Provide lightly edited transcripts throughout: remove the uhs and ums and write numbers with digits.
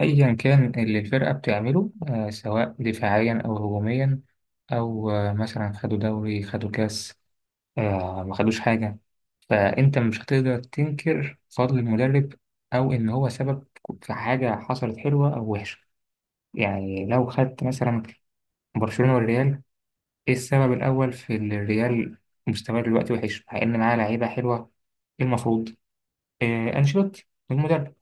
أيا كان اللي الفرقة بتعمله سواء دفاعيا أو هجوميا. أو مثلا خدوا دوري خدوا كاس. ما خدوش حاجة. فأنت مش هتقدر تنكر فضل المدرب أو إن هو سبب في حاجة حصلت حلوة أو وحشة. يعني لو خدت مثلا برشلونة والريال، إيه السبب الأول في إن الريال مستواه دلوقتي وحش مع إن معاه لعيبة حلوة؟ إيه المفروض؟ أنشيلوتي المدرب.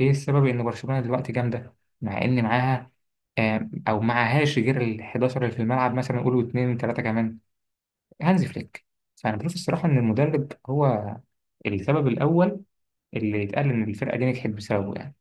ايه السبب ان برشلونة دلوقتي جامدة مع ان معاها او معهاش غير ال 11 اللي في الملعب، مثلا قولوا اتنين تلاتة كمان، هانزي فليك. فانا بشوف الصراحة ان المدرب هو السبب الاول اللي يتقال ان الفرقة دي نجحت بسببه يعني.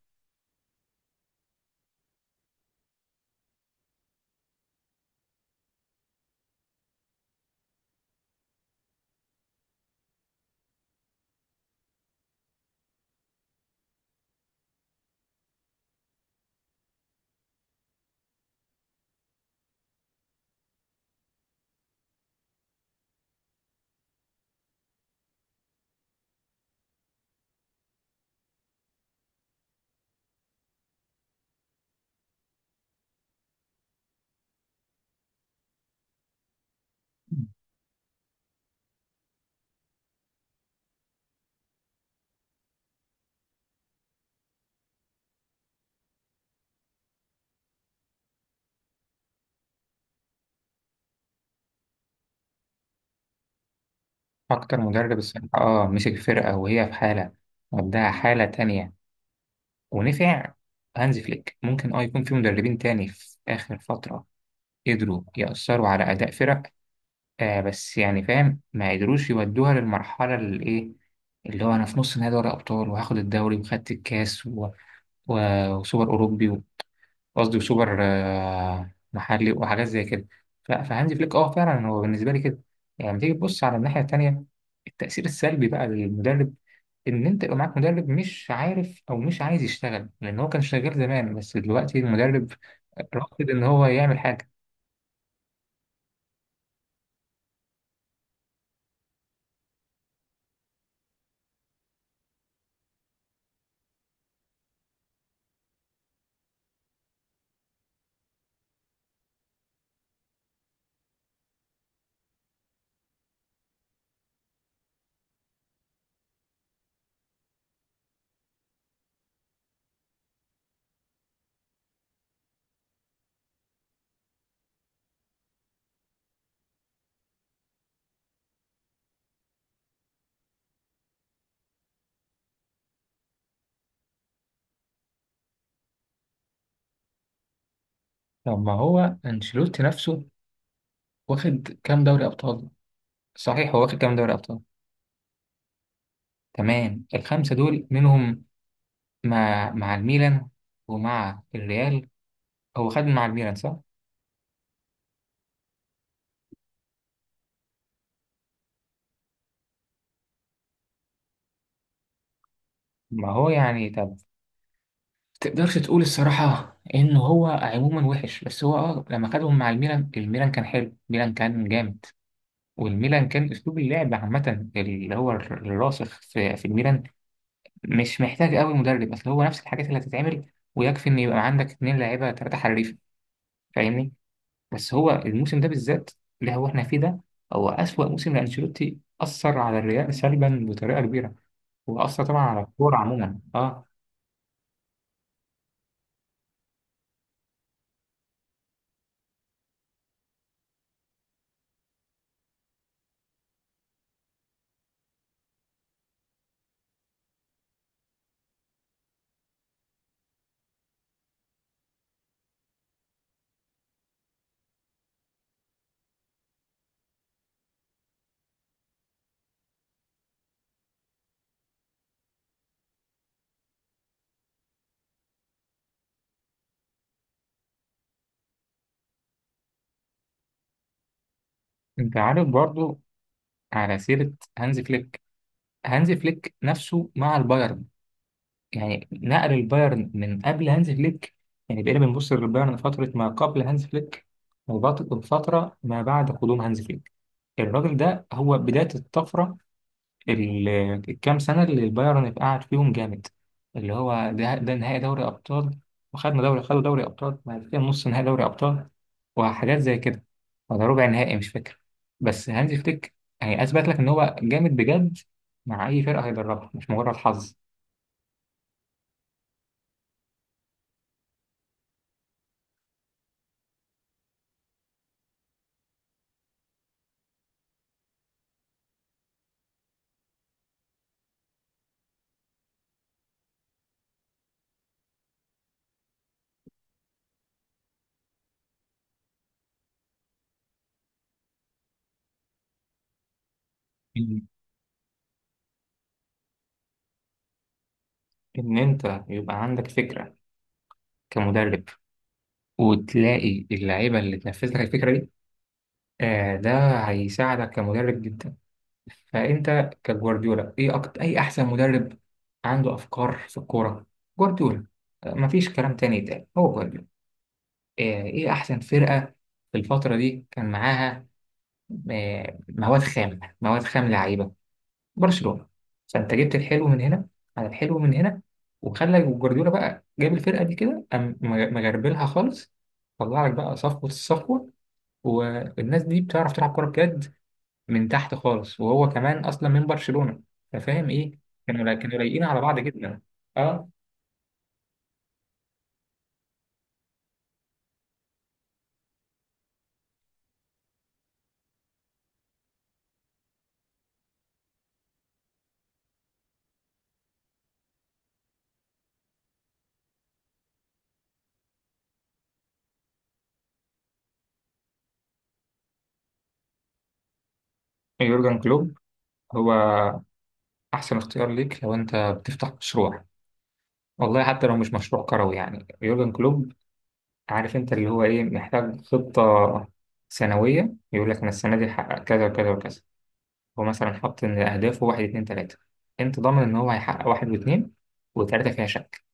اكتر مدرب الصراحة مسك فرقة وهي في حالة وداها حالة تانية ونفع هانزي فليك. ممكن يكون في مدربين تاني في اخر فترة قدروا يأثروا على اداء فرق، بس يعني فاهم ما قدروش يودوها للمرحلة اللي إيه، اللي هو أنا في نص نهائي دوري أبطال وهاخد الدوري وخدت الكاس و... وسوبر أوروبي قصدي وسوبر محلي وحاجات زي كده. فهانزي فليك فعلا هو بالنسبة لي كده. يعني لما تيجي تبص على الناحية التانية، التأثير السلبي بقى للمدرب، إن أنت يبقى معاك مدرب مش عارف أو مش عايز يشتغل لأن هو كان شغال زمان بس دلوقتي المدرب رافض إن هو يعمل حاجة. طب ما هو أنشيلوتي نفسه واخد كام دوري أبطال؟ صحيح، هو واخد كام دوري ابطال؟ تمام، الخمسه دول منهم مع الميلان ومع الريال. هو خد مع الميلان صح؟ ما هو يعني طب، تقدرش تقول الصراحه ان هو عموما وحش؟ بس هو لما خدهم مع الميلان، الميلان كان حلو، الميلان كان جامد. والميلان كان اسلوب اللعب عامه اللي هو الراسخ في الميلان، مش محتاج قوي مدرب، اصل هو نفس الحاجات اللي هتتعمل ويكفي ان يبقى عندك اتنين لاعيبه ثلاثه حريفه. فاهمني؟ بس هو الموسم ده بالذات اللي هو احنا فيه ده، هو أسوأ موسم لأنشيلوتي، أثر على الريال سلبا بطريقة كبيرة وأثر طبعا على الكورة عموما. اه، انت عارف برضو، على سيرة هانز فليك، هانز فليك نفسه مع البايرن، يعني نقل البايرن. من قبل هانز فليك، يعني بقينا بنبص للبايرن فترة ما قبل هانز فليك وفترة ما بعد قدوم هانز فليك. الراجل ده هو بداية الطفرة، ال- الكام سنة اللي البايرن قعد فيهم جامد، اللي هو ده، ده نهائي دوري أبطال وخدنا دوري خدوا دوري أبطال، بعد كده نص نهائي دوري أبطال وحاجات زي كده، ولا ربع نهائي مش فاكر. بس هانزي فليك يعني أثبت لك إن هو جامد بجد مع أي فرقة هيدربها، مش مجرد حظ. إن إن أنت يبقى عندك فكرة كمدرب وتلاقي اللعيبة اللي تنفذ لك الفكرة دي، آه ده هيساعدك كمدرب جدا. فانت كجوارديولا، ايه أكتر احسن مدرب عنده افكار في الكوره؟ جوارديولا. مفيش كلام تاني يتقال، هو جوارديولا. ايه احسن فرقه في الفتره دي كان معاها مواد خام، مواد خام، لعيبه؟ برشلونه. فانت جبت الحلو من هنا على الحلو من هنا، وخلى جوارديولا بقى جاب الفرقه دي كده، قام مغربلها خالص، طلع لك بقى صفوه الصفوه، والناس دي بتعرف تلعب كوره بجد من تحت خالص، وهو كمان اصلا من برشلونة، ففاهم ايه. كانوا لايقين على بعض جدا. اه. يورجن كلوب هو احسن اختيار ليك لو انت بتفتح مشروع، والله حتى لو مش مشروع كروي. يعني يورجن كلوب، عارف انت اللي هو ايه، محتاج خطة سنوية يقول لك انا السنة دي هحقق كذا وكذا وكذا. هو مثلا حاطط ان اهدافه واحد اتنين تلاتة، انت ضامن ان هو هيحقق واحد واتنين وتلاتة فيها شك.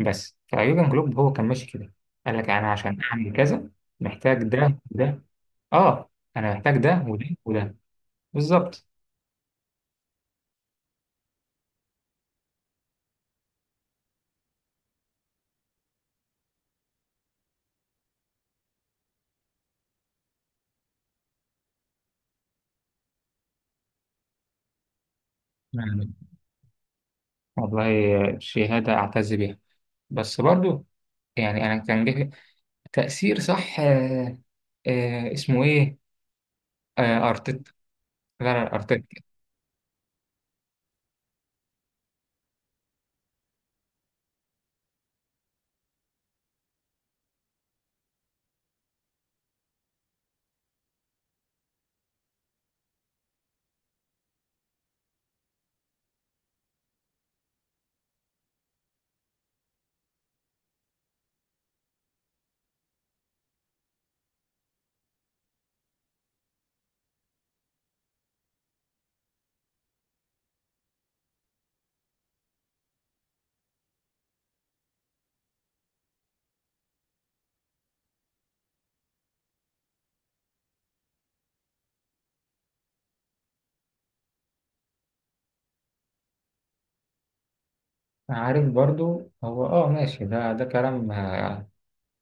بس فيورجن كلوب هو كان ماشي كده، قال لك انا عشان اعمل كذا محتاج ده. اه انا محتاج ده وده وده. بالظبط. يعني والله شهادة أعتز بيها. بس برضو يعني أنا كان جه تأثير صح، اسمه إيه، آه أرتيتا. لا لا، أرتيتا. عارف برضو هو ماشي، ده كلام،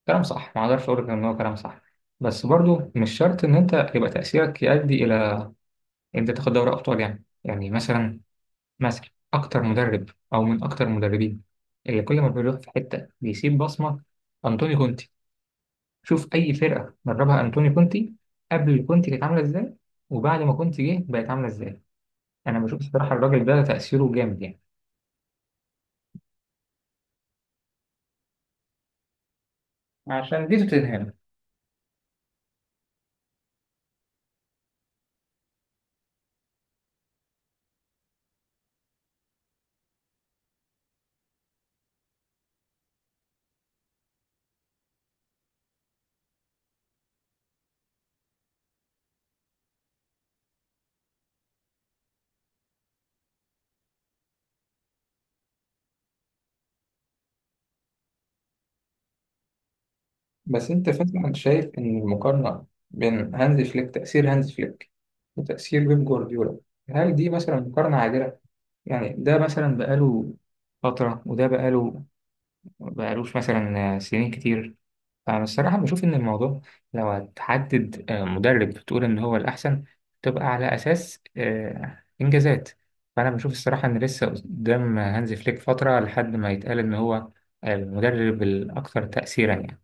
كلام صح، ما أقدرش أقول لك إن هو كلام صح. بس برضو مش شرط إن أنت يبقى تأثيرك يؤدي إلى إن أنت تاخد دوري أبطال. يعني يعني مثلا، ماسك أكتر مدرب أو من أكتر المدربين اللي كل ما بيروح في حتة بيسيب بصمة، أنطوني كونتي. شوف أي فرقة دربها أنطوني كونتي، قبل كونتي كانت عاملة إزاي وبعد ما كونتي جه بقت عاملة إزاي. أنا بشوف الصراحة الراجل ده تأثيره جامد يعني. عشان دي توتنهام. بس أنت فعلا شايف إن المقارنة بين هانز فليك، تأثير هانز فليك وتأثير بيب جوارديولا، هل دي مثلا مقارنة عادلة؟ يعني ده مثلا بقاله فترة وده بقاله، بقالوش مثلا سنين كتير. فأنا الصراحة بشوف إن الموضوع، لو هتحدد مدرب بتقول إن هو الأحسن، تبقى على أساس إنجازات. فأنا بشوف الصراحة إن لسه قدام هانزي فليك فترة لحد ما يتقال إن هو المدرب الأكثر تأثيرا يعني.